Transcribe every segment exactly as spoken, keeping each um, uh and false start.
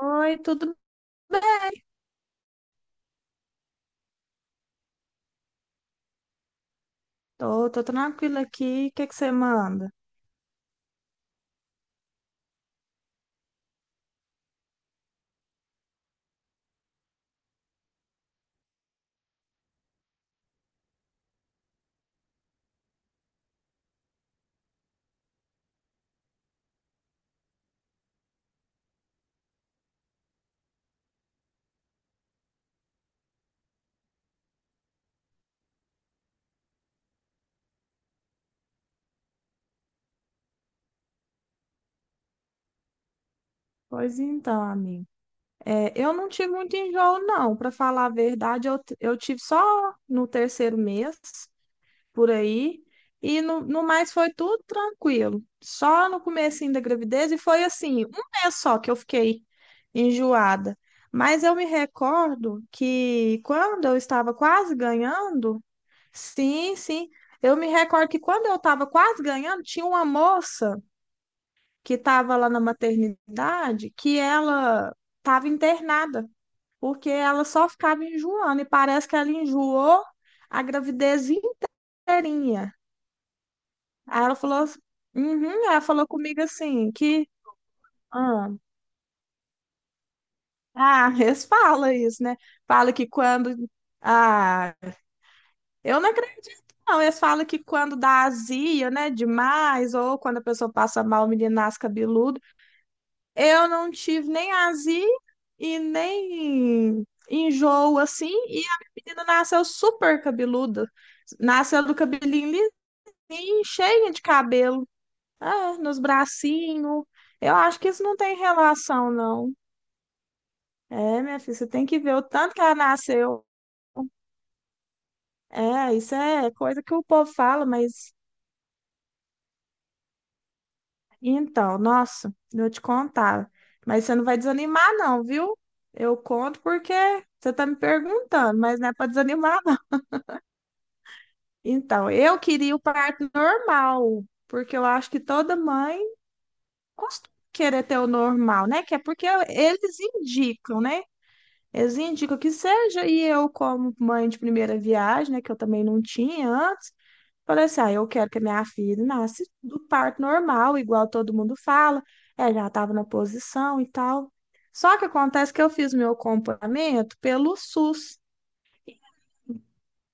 Oi, tudo bem? Tô, tô tranquila aqui. O que é que você manda? Pois então, amigo. É, eu não tive muito enjoo, não. Para falar a verdade, eu, t- eu tive só no terceiro mês, por aí. E no, no mais foi tudo tranquilo. Só no comecinho da gravidez. E foi assim, um mês só que eu fiquei enjoada. Mas eu me recordo que quando eu estava quase ganhando, sim, sim. Eu me recordo que quando eu estava quase ganhando, tinha uma moça que estava lá na maternidade que ela estava internada, porque ela só ficava enjoando, e parece que ela enjoou a gravidez inteirinha. Aí ela falou, ass- Uhum, ela falou comigo assim, que ah, ah, eles falam isso, né? Fala que quando. Ah, eu não acredito, não. Eles falam que quando dá azia, né, demais, ou quando a pessoa passa mal, o menino nasce cabeludo. Eu não tive nem azia e nem enjoo, assim, e a menina nasceu super cabeluda. Nasceu do cabelinho lisinho, cheia de cabelo, ah, nos bracinhos. Eu acho que isso não tem relação, não. É, minha filha, você tem que ver o tanto que ela nasceu. É, isso é coisa que o povo fala, mas então, nossa, eu te contava. Mas você não vai desanimar, não, viu? Eu conto porque você tá me perguntando, mas não é para desanimar, não. Então, eu queria o parto normal, porque eu acho que toda mãe costuma querer ter o normal, né? Que é porque eles indicam, né? Eles indicam que seja, e eu, como mãe de primeira viagem, né? Que eu também não tinha antes. Falei assim, ah, eu quero que a minha filha nasça do parto normal, igual todo mundo fala. Ela já estava na posição e tal. Só que acontece que eu fiz meu acompanhamento pelo S U S.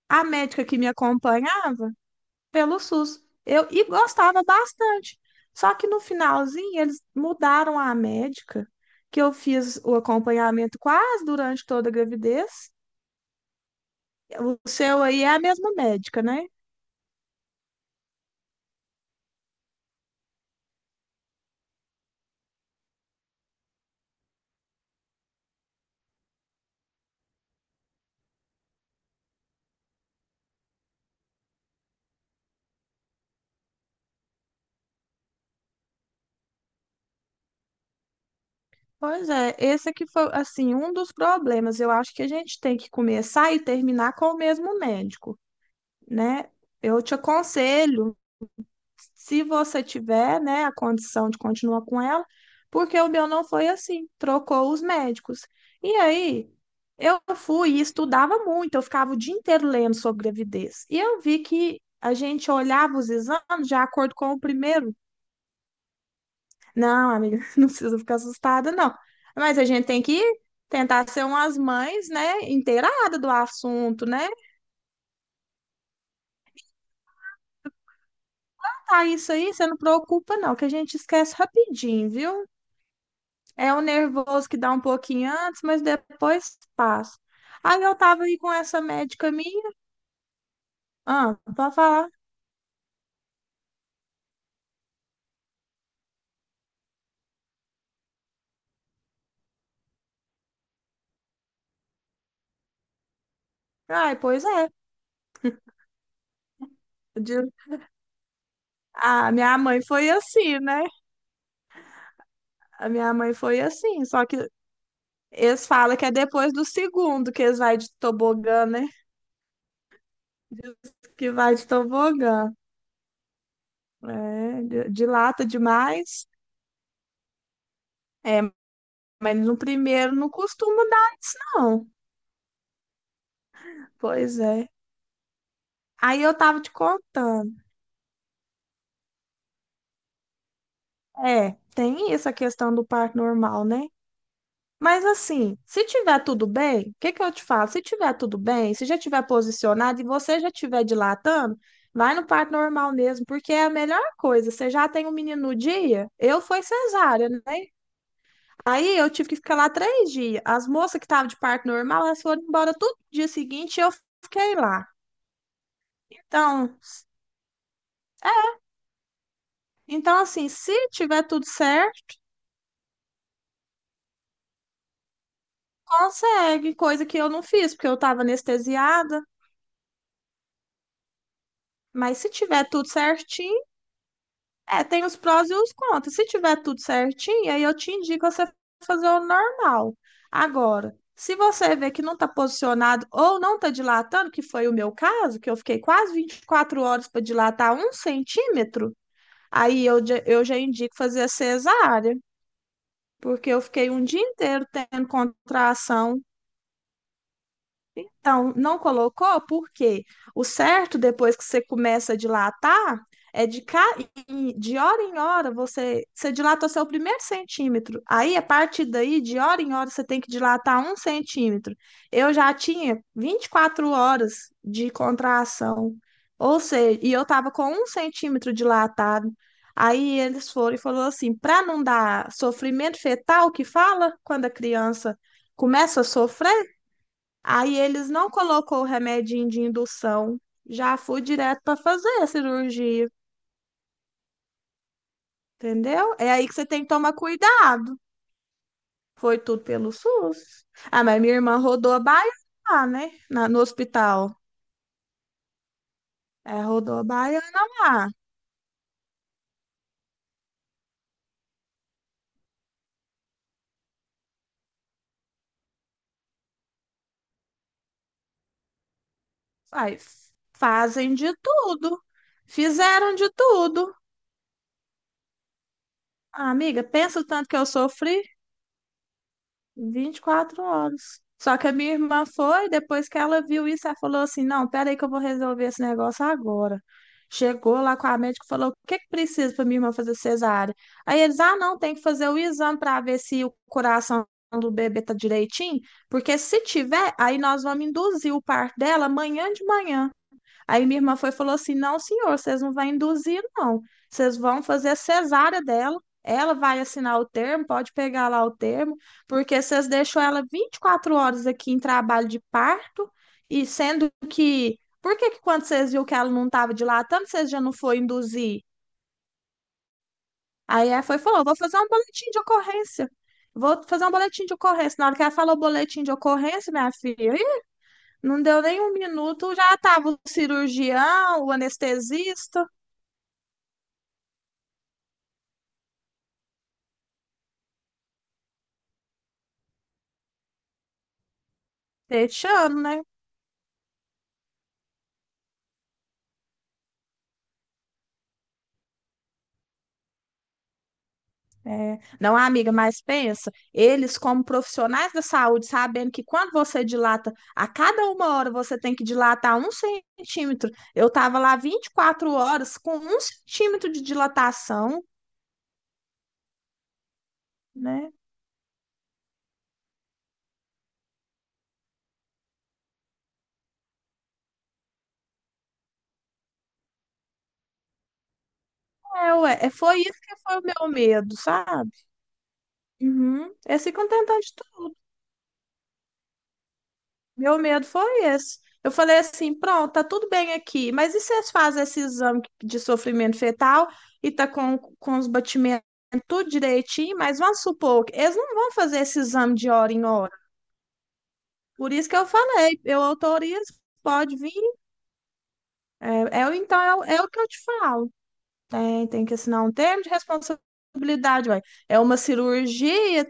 A médica que me acompanhava pelo S U S. Eu e gostava bastante. Só que no finalzinho eles mudaram a médica, que eu fiz o acompanhamento quase durante toda a gravidez. O seu aí é a mesma médica, né? Pois é, esse aqui foi, assim, um dos problemas. Eu acho que a gente tem que começar e terminar com o mesmo médico, né? Eu te aconselho, se você tiver, né, a condição de continuar com ela, porque o meu não foi assim, trocou os médicos. E aí, eu fui e estudava muito, eu ficava o dia inteiro lendo sobre gravidez. E eu vi que a gente olhava os exames de acordo com o primeiro não, amiga, não precisa ficar assustada, não. Mas a gente tem que tentar ser umas mães, né, inteirada do assunto, né? Tá, isso aí, você não preocupa, não, que a gente esquece rapidinho, viu? É o nervoso que dá um pouquinho antes, mas depois passa. Aí eu tava aí com essa médica minha, ah, pra falar. Ai, pois é. De- A minha mãe foi assim, né? A minha mãe foi assim, só que eles falam que é depois do segundo que eles vai de tobogã, né? Que vai de tobogã. É, di- dilata demais. É, mas no primeiro não costuma dar isso, não. Pois é. Aí eu tava te contando. É, tem essa questão do parto normal, né? Mas assim, se tiver tudo bem, o que que eu te falo? Se tiver tudo bem, se já tiver posicionado e você já tiver dilatando, vai no parto normal mesmo, porque é a melhor coisa. Você já tem um menino no dia? Eu foi cesárea, né? Aí eu tive que ficar lá três dias. As moças que estavam de parto normal, elas foram embora todo dia seguinte e eu fiquei lá. Então, então assim, se tiver tudo certo, consegue, coisa que eu não fiz, porque eu estava anestesiada. Mas se tiver tudo certinho, é, tem os prós e os contras. Se tiver tudo certinho, aí eu te indico você fazer o normal. Agora, se você vê que não está posicionado ou não está dilatando, que foi o meu caso, que eu fiquei quase vinte e quatro horas para dilatar um centímetro, Aí eu, já- eu já indico fazer a cesárea, porque eu fiquei um dia inteiro tendo contração. Então, não colocou porque o certo, depois que você começa a dilatar, é de, ca... em- de hora em hora você... você dilata o seu primeiro centímetro. Aí, a partir daí, de hora em hora, você tem que dilatar um centímetro. Eu já tinha vinte e quatro horas de contração, ou seja, e eu estava com um centímetro dilatado. Aí eles foram e falou assim, para não dar sofrimento fetal, que fala quando a criança começa a sofrer. Aí eles não colocou o remedinho de indução, já fui direto para fazer a cirurgia, entendeu? É aí que você tem que tomar cuidado. Foi tudo pelo S U S. Ah, mas minha irmã rodou a baiana lá, né? Na- no hospital. É, rodou a baiana lá. Faz, fazem de tudo. Fizeram de tudo. Ah, amiga, pensa o tanto que eu sofri. Vinte e quatro horas. Só que a minha irmã foi, depois que ela viu isso, ela falou assim: não, peraí que eu vou resolver esse negócio agora. Chegou lá com a médica e falou: o que que precisa para minha irmã fazer cesárea? Aí eles: ah, não, tem que fazer o exame para ver se o coração do bebê tá direitinho, porque se tiver, aí nós vamos induzir o parto dela amanhã de manhã. Aí minha irmã foi e falou assim: Não, senhor, vocês não vão induzir, não. Vocês vão fazer a cesárea dela. Ela vai assinar o termo, pode pegar lá o termo, porque vocês deixou ela vinte e quatro horas aqui em trabalho de parto, e sendo que. Por que que quando vocês viu que ela não estava dilatando, vocês já não foi induzir? Aí ela foi e falou: Vou fazer um boletim de ocorrência. Vou fazer um boletim de ocorrência. Na hora que ela falou boletim de ocorrência, minha filha, ih, não deu nem um minuto, já estava o cirurgião, o anestesista. Este ano, né? É. Não, amiga, mas pensa, eles como profissionais da saúde, sabendo que quando você dilata, a cada uma hora você tem que dilatar um centímetro. Eu estava lá vinte e quatro horas com um centímetro de dilatação, né? É, ué, é, foi isso que foi o meu medo, sabe? Uhum. Eles ficam tentando de meu medo foi esse. Eu falei assim, pronto, tá tudo bem aqui, mas e se vocês fazem esse exame de sofrimento fetal e tá com, com os batimentos tudo direitinho, mas vamos supor que eles não vão fazer esse exame de hora em hora. Por isso que eu falei, eu autorizo, pode vir. É, é o- então é, o é o que eu te falo. Tem, tem que assinar um termo de responsabilidade, ué. É uma cirurgia,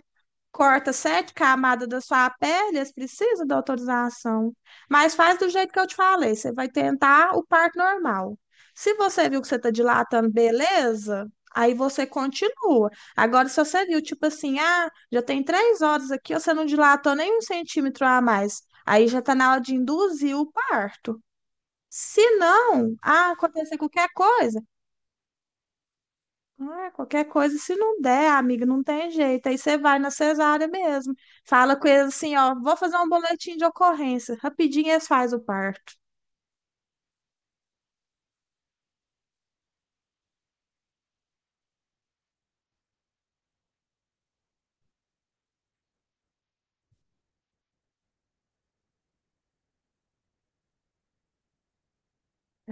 corta sete camadas da sua pele, eles precisam da autorização. Mas faz do jeito que eu te falei, você vai tentar o parto normal. Se você viu que você está dilatando, beleza, aí você continua. Agora, se você viu, tipo assim, ah, já tem três horas aqui, você não dilatou nem um centímetro a mais, aí já está na hora de induzir o parto. Se não, ah, acontecer qualquer coisa, ah, qualquer coisa, se não der, amiga, não tem jeito. Aí você vai na cesárea mesmo. Fala com eles assim, ó, vou fazer um boletim de ocorrência. Rapidinho eles fazem o parto.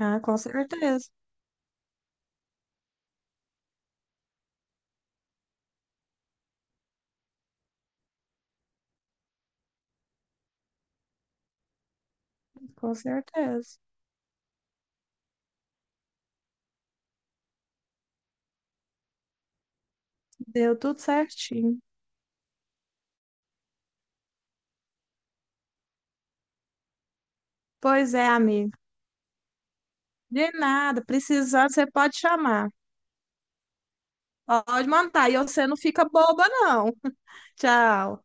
Ah, com certeza, com certeza. Deu tudo certinho. Pois é, amiga. De nada, precisando, você pode chamar. Pode mandar. E você não fica boba, não. Tchau.